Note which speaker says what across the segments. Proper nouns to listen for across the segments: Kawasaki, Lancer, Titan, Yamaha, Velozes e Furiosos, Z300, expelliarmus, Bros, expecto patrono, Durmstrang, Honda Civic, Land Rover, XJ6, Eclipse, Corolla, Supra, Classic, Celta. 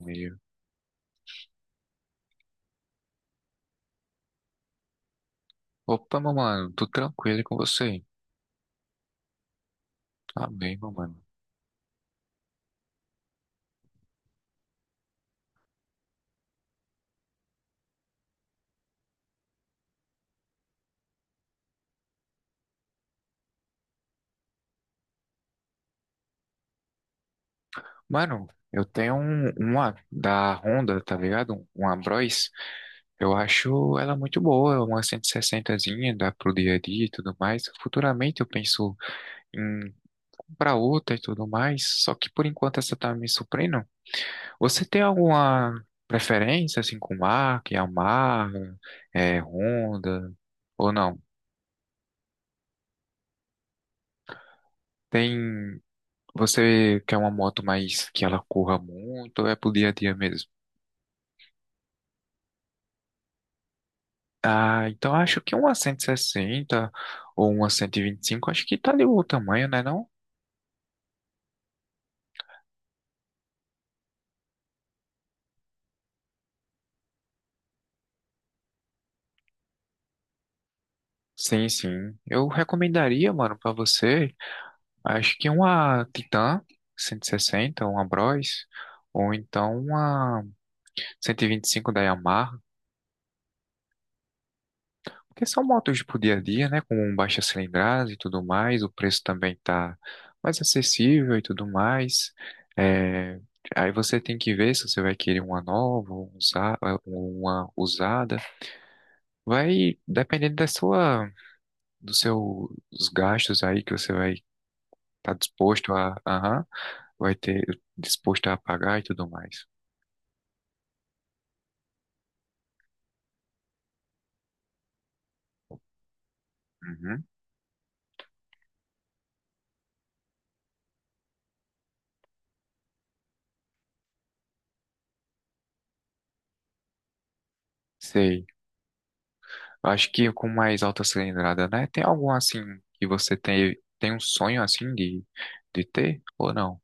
Speaker 1: Meio. Opa, meu mano, tudo tranquilo e com você? Tá bem, meu mano. Mano, eu tenho uma da Honda, tá ligado? Uma Bros. Eu acho ela muito boa, uma 160zinha, dá pro dia a dia e tudo mais. Futuramente eu penso em comprar outra e tudo mais, só que por enquanto essa tá me suprindo. Você tem alguma preferência, assim, com marca, Yamaha, Honda, ou não? Tem. Você quer uma moto mais que ela corra muito ou é pro dia a dia mesmo? Ah, então acho que uma 160 ou uma 125 acho que tá ali o tamanho, né, não? Sim, sim. Eu recomendaria, mano, pra você, acho que uma Titan 160, uma Bros, ou então uma cento e vinte e cinco da Yamaha. Porque são motos pro dia a dia, né? Com baixa cilindrada e tudo mais, o preço também tá mais acessível e tudo mais. É, Aí você tem que ver se você vai querer uma nova, uma usada. Vai dependendo dos seus gastos aí que você vai estar disposto a, aham, vai ter disposto a pagar e tudo mais. Uhum, sei. Eu acho que com mais alta cilindrada, né? Tem algum assim que você tem um sonho assim de ter ou não?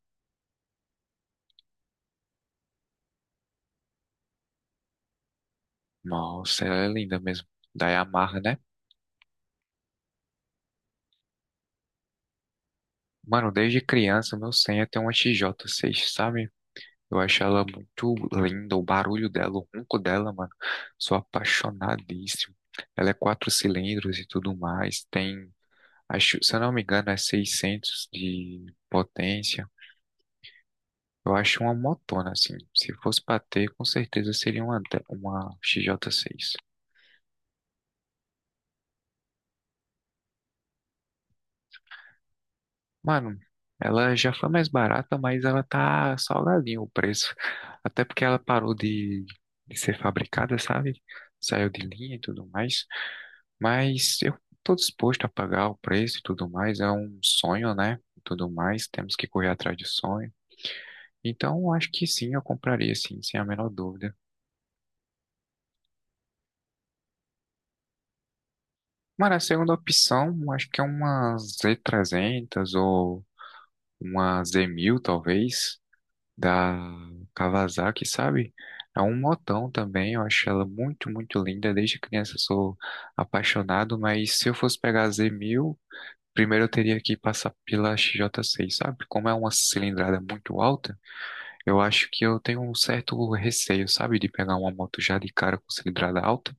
Speaker 1: Nossa, ela é linda mesmo. Da Yamaha, né? Mano, desde criança meu sonho é ter uma XJ6, sabe? Eu acho ela muito linda, o barulho dela, o ronco dela, mano. Sou apaixonadíssimo. Ela é quatro cilindros e tudo mais. Tem, acho, se eu não me engano, é 600 de potência. Eu acho uma motona, assim. Se fosse pra ter, com certeza seria uma XJ6. Mano, ela já foi mais barata, mas ela tá salgadinho o preço. Até porque ela parou de ser fabricada, sabe? Saiu de linha e tudo mais. Mas eu tô disposto a pagar o preço e tudo mais. É um sonho, né? E tudo mais. Temos que correr atrás de sonho. Então, eu acho que sim, eu compraria, sim, sem a menor dúvida. Mano, a segunda opção, acho que é uma Z300 ou uma z mil talvez, da Kawasaki, sabe? É um motão também, eu acho ela muito, muito linda. Desde criança eu sou apaixonado, mas se eu fosse pegar a z mil primeiro eu teria que passar pela xj seis, sabe? Como é uma cilindrada muito alta, eu acho que eu tenho um certo receio, sabe? De pegar uma moto já de cara com cilindrada alta.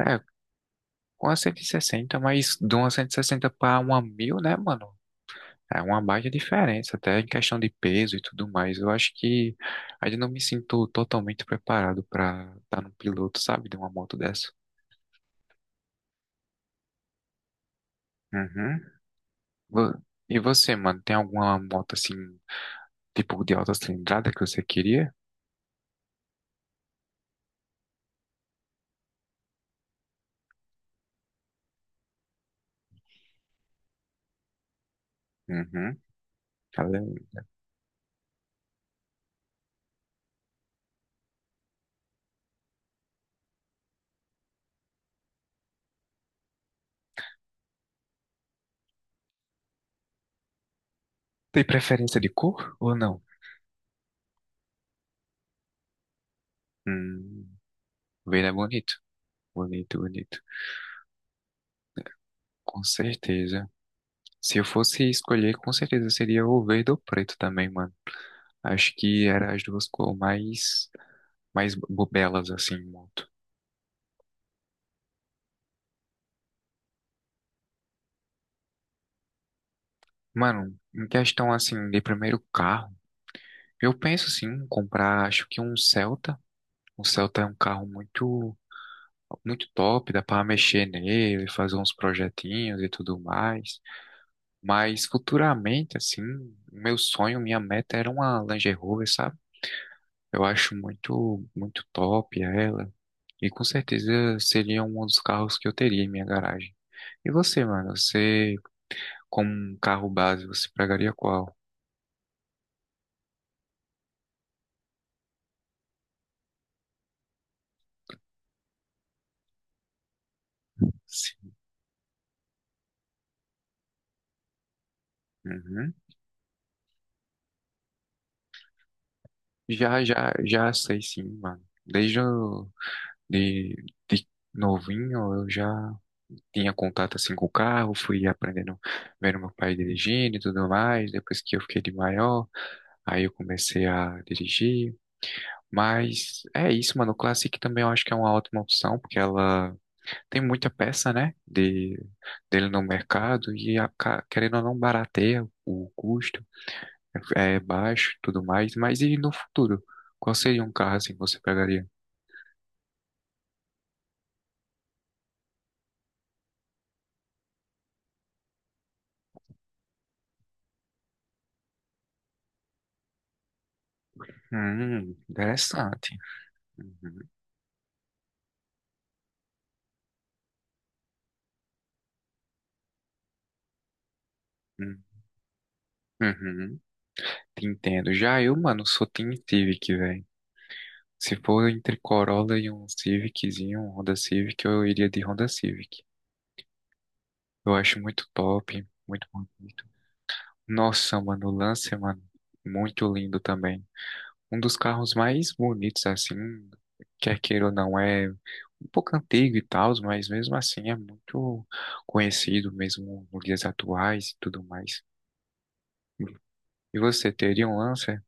Speaker 1: É, com a 160, mas de uma 160 para uma 1000 né, mano? É uma baita diferença, até em questão de peso e tudo mais. Eu acho que ainda não me sinto totalmente preparado para estar num piloto, sabe, de uma moto dessa. Uhum. Vo- E você, mano, tem alguma moto assim, tipo de alta cilindrada que você queria? Uhum. Ela é... Tem preferência de cor ou não? Hum, verde é bonito. Bonito, bonito. Com certeza. Se eu fosse escolher, com certeza seria o verde ou preto também, mano. Acho que era as duas cores mais bobelas assim, em moto. Mano, em questão assim de primeiro carro, eu penso assim, em comprar, acho que um Celta. O Celta é um carro muito top, dá pra mexer nele, fazer uns projetinhos e tudo mais. Mas futuramente assim, meu sonho, minha meta era uma Land Rover, sabe? Eu acho muito top ela e com certeza seria um dos carros que eu teria em minha garagem. E você, mano, você como um carro base, você pegaria qual? Uhum. Já sei sim, mano. De, de novinho eu já tinha contato assim com o carro, fui aprendendo, vendo meu pai dirigindo e tudo mais. Depois que eu fiquei de maior, aí eu comecei a dirigir. Mas é isso, mano. O Classic também eu acho que é uma ótima opção, porque ela tem muita peça, né, dele no mercado e, querendo ou não, barateia o custo. É baixo, e tudo mais, mas e no futuro? Qual seria um carro assim que você pegaria? Interessante. Uhum, uhum, uhum. Te entendo. Já eu, mano, sou Team Civic, velho. Se for entre Corolla e um Civiczinho, um Honda Civic, eu iria de Honda Civic. Eu acho muito top, muito bonito. Nossa, mano, o Lancer, mano, muito lindo também. Um dos carros mais bonitos, assim, quer queira ou não, é um pouco antigo e tal, mas mesmo assim é muito conhecido, mesmo nos dias atuais e tudo mais. E você teria um Lancer?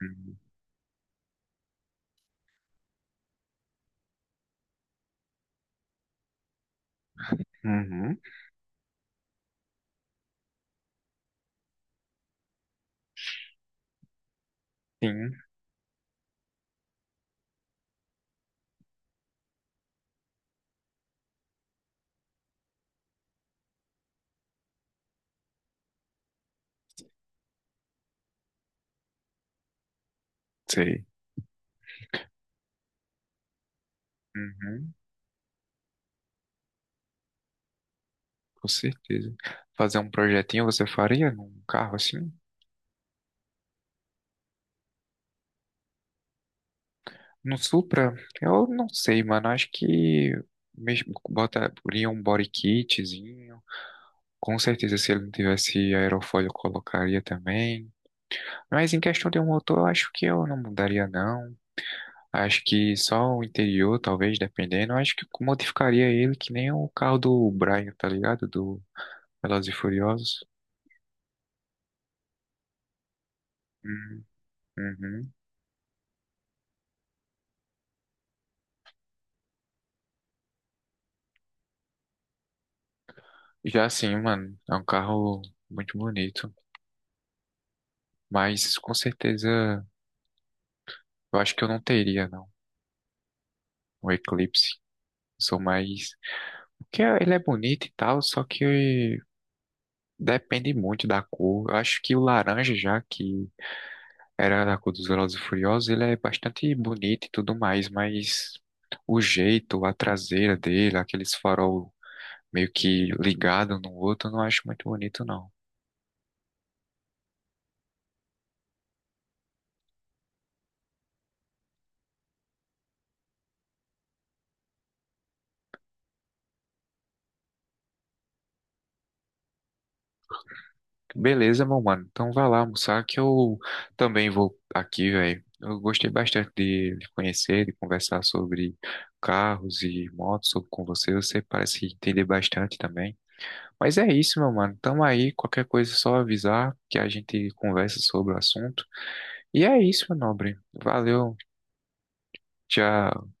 Speaker 1: Hum, Uhum, sim, sei. Uhum, com certeza. Fazer um projetinho você faria num carro assim? No Supra, eu não sei, mano. Acho que mesmo botaria um body kitzinho. Com certeza, se ele não tivesse aerofólio, eu colocaria também. Mas em questão de um motor, eu acho que eu não mudaria, não. Acho que só o interior, talvez, dependendo. Eu acho que modificaria ele que nem o carro do Brian, tá ligado? Do Velozes e Furiosos. Hum, uhum. Já assim, mano, é um carro muito bonito. Mas com certeza, eu acho que eu não teria, não. O Eclipse. Sou mais. Porque ele é bonito e tal, só que depende muito da cor. Eu acho que o laranja, já que era da cor dos Velozes e Furiosos, ele é bastante bonito e tudo mais, mas o jeito, a traseira dele, aqueles farol meio que ligado um no outro, eu não acho muito bonito, não. Beleza, meu mano. Então vai lá almoçar que eu também vou aqui, velho. Eu gostei bastante de lhe conhecer, de conversar sobre carros e motos com você. Você parece entender bastante também. Mas é isso, meu mano. Tamo aí. Qualquer coisa é só avisar que a gente conversa sobre o assunto. E é isso, meu nobre. Valeu. Tchau.